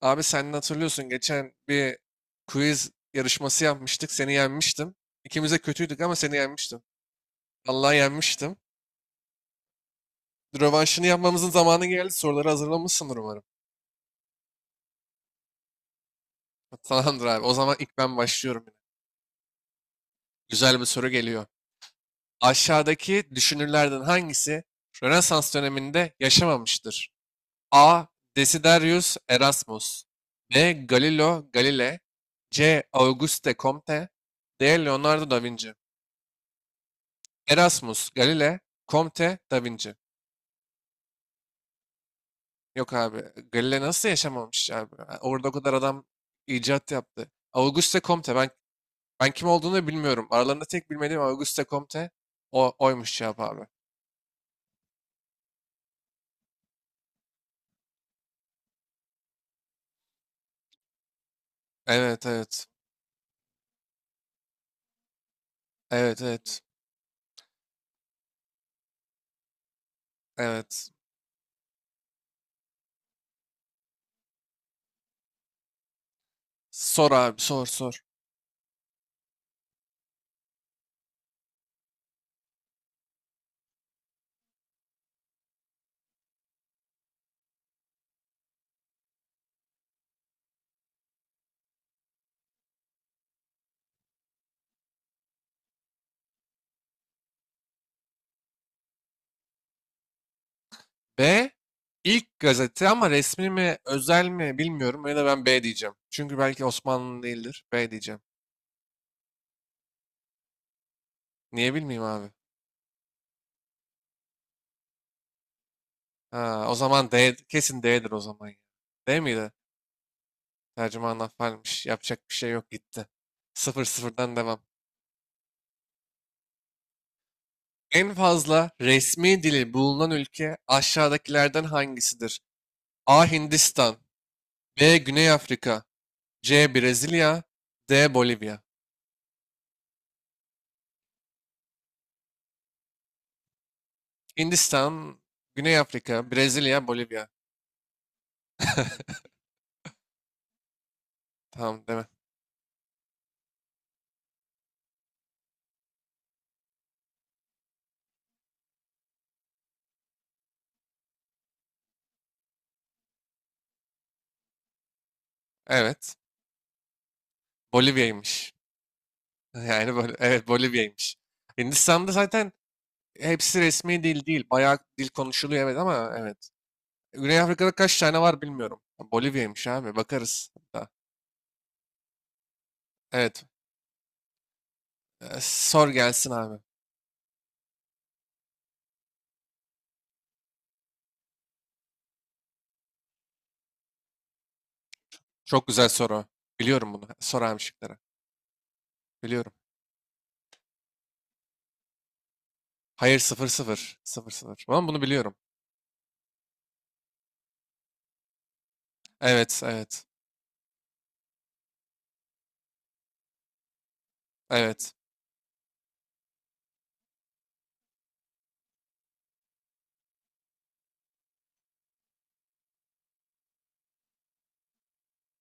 Abi sen de hatırlıyorsun geçen bir quiz yarışması yapmıştık. Seni yenmiştim. İkimiz de kötüydük ama seni yenmiştim. Vallahi yenmiştim. Rövanşını yapmamızın zamanı geldi. Soruları hazırlamışsındır umarım. Tamamdır abi. O zaman ilk ben başlıyorum. Güzel bir soru geliyor. Aşağıdaki düşünürlerden hangisi Rönesans döneminde yaşamamıştır? A. Desiderius Erasmus. B. Galileo Galilei. C. Auguste Comte. D. Leonardo da Vinci. Erasmus, Galile, Comte, Da Vinci. Yok abi. Galile nasıl yaşamamış abi? Ha, orada o kadar adam icat yaptı. Auguste Comte. Ben kim olduğunu bilmiyorum. Aralarında tek bilmediğim Auguste Comte. O oymuş cevap abi. Evet evet. Evet evet. Evet. Sor abi, sor sor. B ilk gazete ama resmi mi özel mi bilmiyorum. Ya da ben B diyeceğim. Çünkü belki Osmanlı değildir. B diyeceğim. Niye bilmeyeyim abi? Ha, o zaman D, kesin D'dir o zaman, ya. D miydi? Tercüman affaymış. Yapacak bir şey yok, gitti. Sıfır sıfırdan devam. En fazla resmi dili bulunan ülke aşağıdakilerden hangisidir? A. Hindistan. B. Güney Afrika. C. Brezilya. D. Bolivya. Hindistan, Güney Afrika, Brezilya, Bolivya. Tamam değil mi? Evet. Bolivya'ymış. Yani böyle, evet, Bolivya'ymış. Hindistan'da zaten hepsi resmi dil değil. Bayağı dil konuşuluyor, evet, ama evet. Güney Afrika'da kaç tane var bilmiyorum. Bolivya'ymış abi. Bakarız hatta. Evet. Sor gelsin abi. Çok güzel soru. Biliyorum bunu. Sor abi şıkları. Biliyorum. Hayır, sıfır sıfır sıfır sıfır. Ama bunu biliyorum. Evet evet. Evet.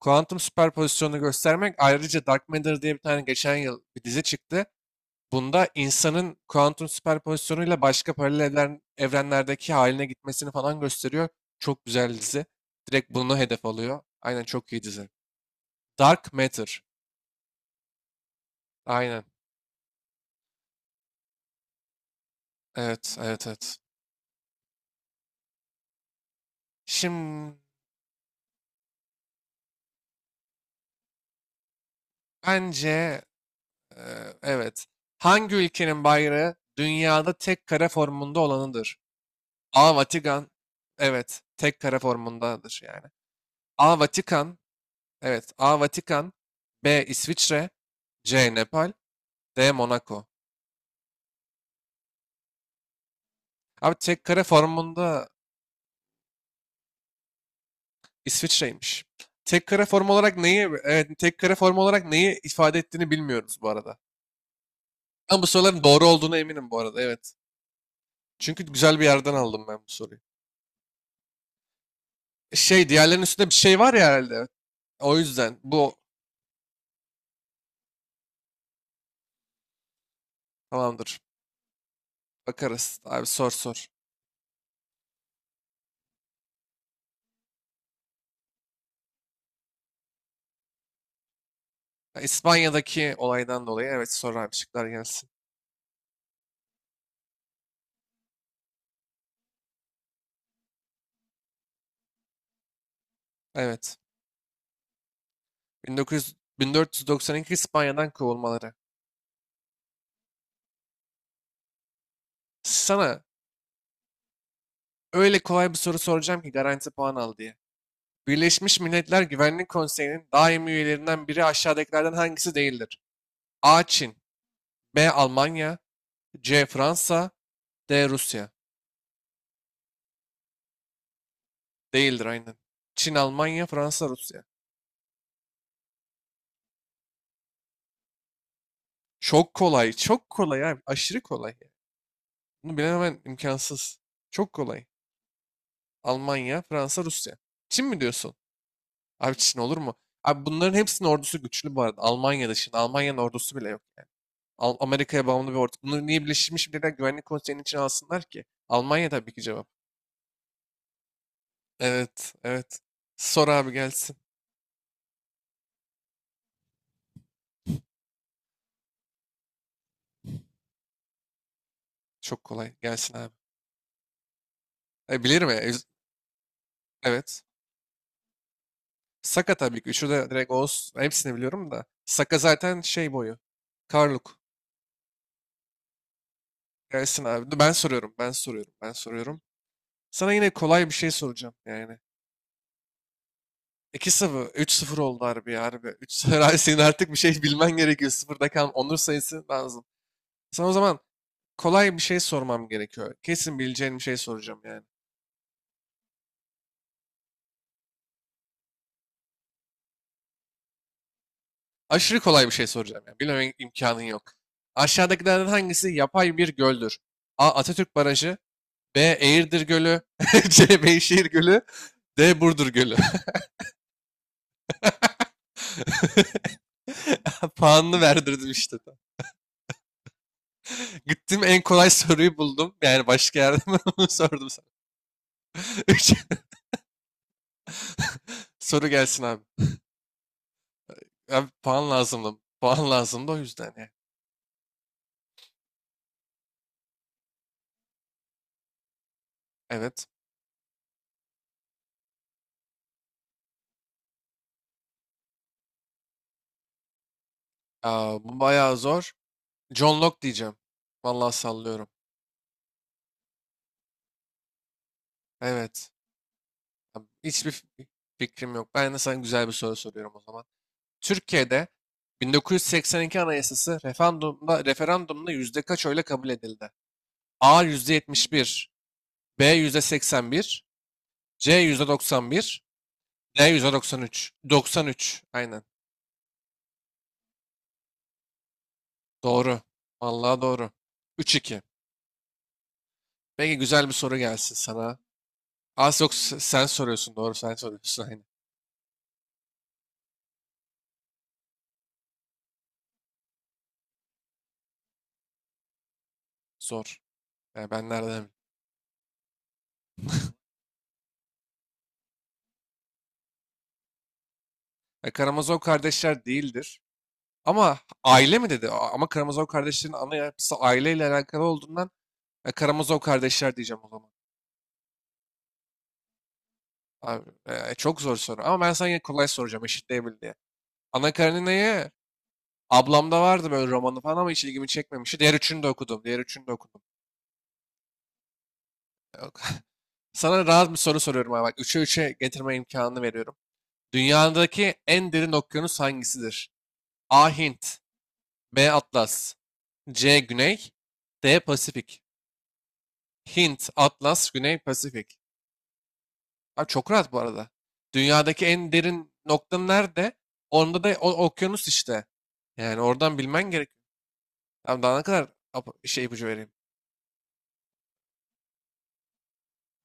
Kuantum süperpozisyonunu göstermek. Ayrıca Dark Matter diye bir tane geçen yıl bir dizi çıktı. Bunda insanın kuantum süperpozisyonuyla başka paralel evrenlerdeki haline gitmesini falan gösteriyor. Çok güzel dizi. Direkt bunu hedef alıyor. Aynen, çok iyi dizi. Dark Matter. Aynen. Evet, evet, evet. Şimdi, bence, e, evet. Hangi ülkenin bayrağı dünyada tek kare formunda olanıdır? A. Vatikan. Evet, tek kare formundadır yani. A. Vatikan. Evet, A. Vatikan. B. İsviçre. C. Nepal. D. Monaco. Abi tek kare formunda İsviçre'ymiş. Tek kare form olarak neyi, evet, tek kare form olarak neyi ifade ettiğini bilmiyoruz bu arada. Ama bu soruların doğru olduğuna eminim bu arada. Evet. Çünkü güzel bir yerden aldım ben bu soruyu. Şey, diğerlerinin üstünde bir şey var ya herhalde. O yüzden bu tamamdır. Bakarız. Abi sor sor. Ya, İspanya'daki olaydan dolayı, evet, sor abi şıklar gelsin. Evet. 1900, 1492 İspanya'dan kovulmaları. Sana öyle kolay bir soru soracağım ki garanti puan al diye. Birleşmiş Milletler Güvenlik Konseyi'nin daimi üyelerinden biri aşağıdakilerden hangisi değildir? A. Çin. B. Almanya. C. Fransa. D. Rusya. Değildir, aynen. Çin, Almanya, Fransa, Rusya. Çok kolay. Çok kolay abi. Aşırı kolay yani. Bunu bilememen imkansız. Çok kolay. Almanya, Fransa, Rusya. Çin mi diyorsun? Abi, Çin olur mu? Abi bunların hepsinin ordusu güçlü bu arada. Almanya dışında. Almanya'nın ordusu bile yok yani. Amerika'ya bağımlı bir ordu. Bunu niye Birleşmiş Milletler Güvenlik Konseyi'nin içine alsınlar ki? Almanya tabii ki cevap. Evet, evet. Sor abi gelsin. Çok kolay. Gelsin abi. E, bilirim ya. Evet. Saka tabii ki. Üçü de direkt Oğuz. Hepsini biliyorum da. Saka zaten şey boyu. Karluk. Gelsin abi. Ben soruyorum. Ben soruyorum. Ben soruyorum. Sana yine kolay bir şey soracağım yani. 2 sıfır, üç sıfır oldu harbi ya harbi. 3-0. Abi senin artık bir şey bilmen gerekiyor. Sıfırda kalan onur sayısı lazım. Sana o zaman kolay bir şey sormam gerekiyor. Kesin bileceğin bir şey soracağım yani. Aşırı kolay bir şey soracağım yani. Bilmem imkanın yok. Aşağıdakilerden hangisi yapay bir göldür? A. Atatürk Barajı. B. Eğirdir Gölü. C. Beyşehir Gölü. D. Burdur Gölü. Puanını verdirdim işte. Gittim en kolay soruyu buldum. Yani başka yerde ben onu sordum sana. Üç. Soru gelsin abi. Abi, puan lazımdı. Puan lazımdı o yüzden yani. Evet. Aa, bu bayağı zor. John Locke diyeceğim. Vallahi sallıyorum. Evet. Abi, hiçbir fikrim yok. Ben de sana güzel bir soru soruyorum o zaman. Türkiye'de 1982 Anayasası referandumda yüzde kaç oyla kabul edildi? A yüzde 71, B yüzde 81, C yüzde 91, D yüzde 93. 93, aynen. Doğru. Vallahi doğru. Üç iki. Peki güzel bir soru gelsin sana. Az yok, sen soruyorsun. Doğru, sen soruyorsun. Aynen. Zor. Yani ben nereden bileyim. Ya, Karamazov kardeşler değildir. Ama aile mi dedi? Ama Karamazov kardeşlerin ana yapısı aileyle alakalı olduğundan, Karamazov kardeşler diyeceğim o zaman. Abi, çok zor soru. Ama ben sana yine kolay soracağım eşitleyebil diye. Anna Karenina'yı ablamda vardı böyle romanı falan ama hiç ilgimi çekmemişti. Diğer üçünü de okudum. Diğer üçünü de okudum. Yok. Sana rahat bir soru soruyorum abi. Bak 3'e getirme imkanını veriyorum. Dünyadaki en derin okyanus hangisidir? A. Hint. B. Atlas. C. Güney. D. Pasifik. Hint, Atlas, Güney, Pasifik. Abi çok rahat bu arada. Dünyadaki en derin noktanın nerede? Onda da o, okyanus işte. Yani oradan bilmen gerek. Abi daha ne kadar şey, ipucu vereyim?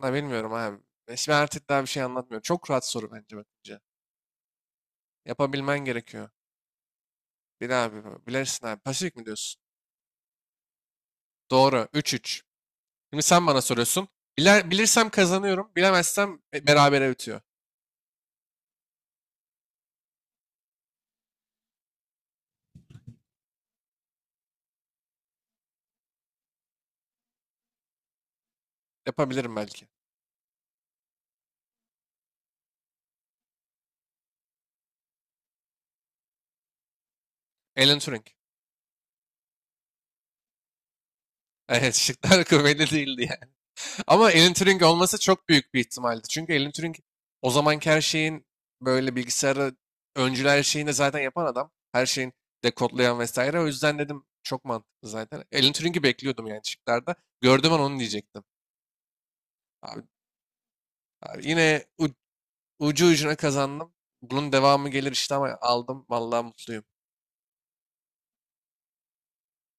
Ha, bilmiyorum abi. Şimdi artık daha bir şey anlatmıyorum. Çok rahat soru bence bakınca. Yapabilmen gerekiyor. Bil abi. Bilirsin abi. Pasifik mi diyorsun? Doğru. 3-3. Şimdi sen bana soruyorsun. Biler, bilirsem kazanıyorum. Bilemezsem, berabere bitiyor. Yapabilirim belki. Alan Turing. Evet, şıklar kuvvetli değildi. Ama Alan Turing olması çok büyük bir ihtimaldi. Çünkü Alan Turing o zamanki her şeyin, böyle, bilgisayarı öncüler, her şeyini de zaten yapan adam. Her şeyin dekodlayan vesaire. O yüzden dedim çok mantıklı zaten. Alan Turing'i bekliyordum yani şıklarda. Gördüm, ben onu diyecektim. Abi, abi yine ucu ucuna kazandım. Bunun devamı gelir işte ama aldım. Vallahi mutluyum.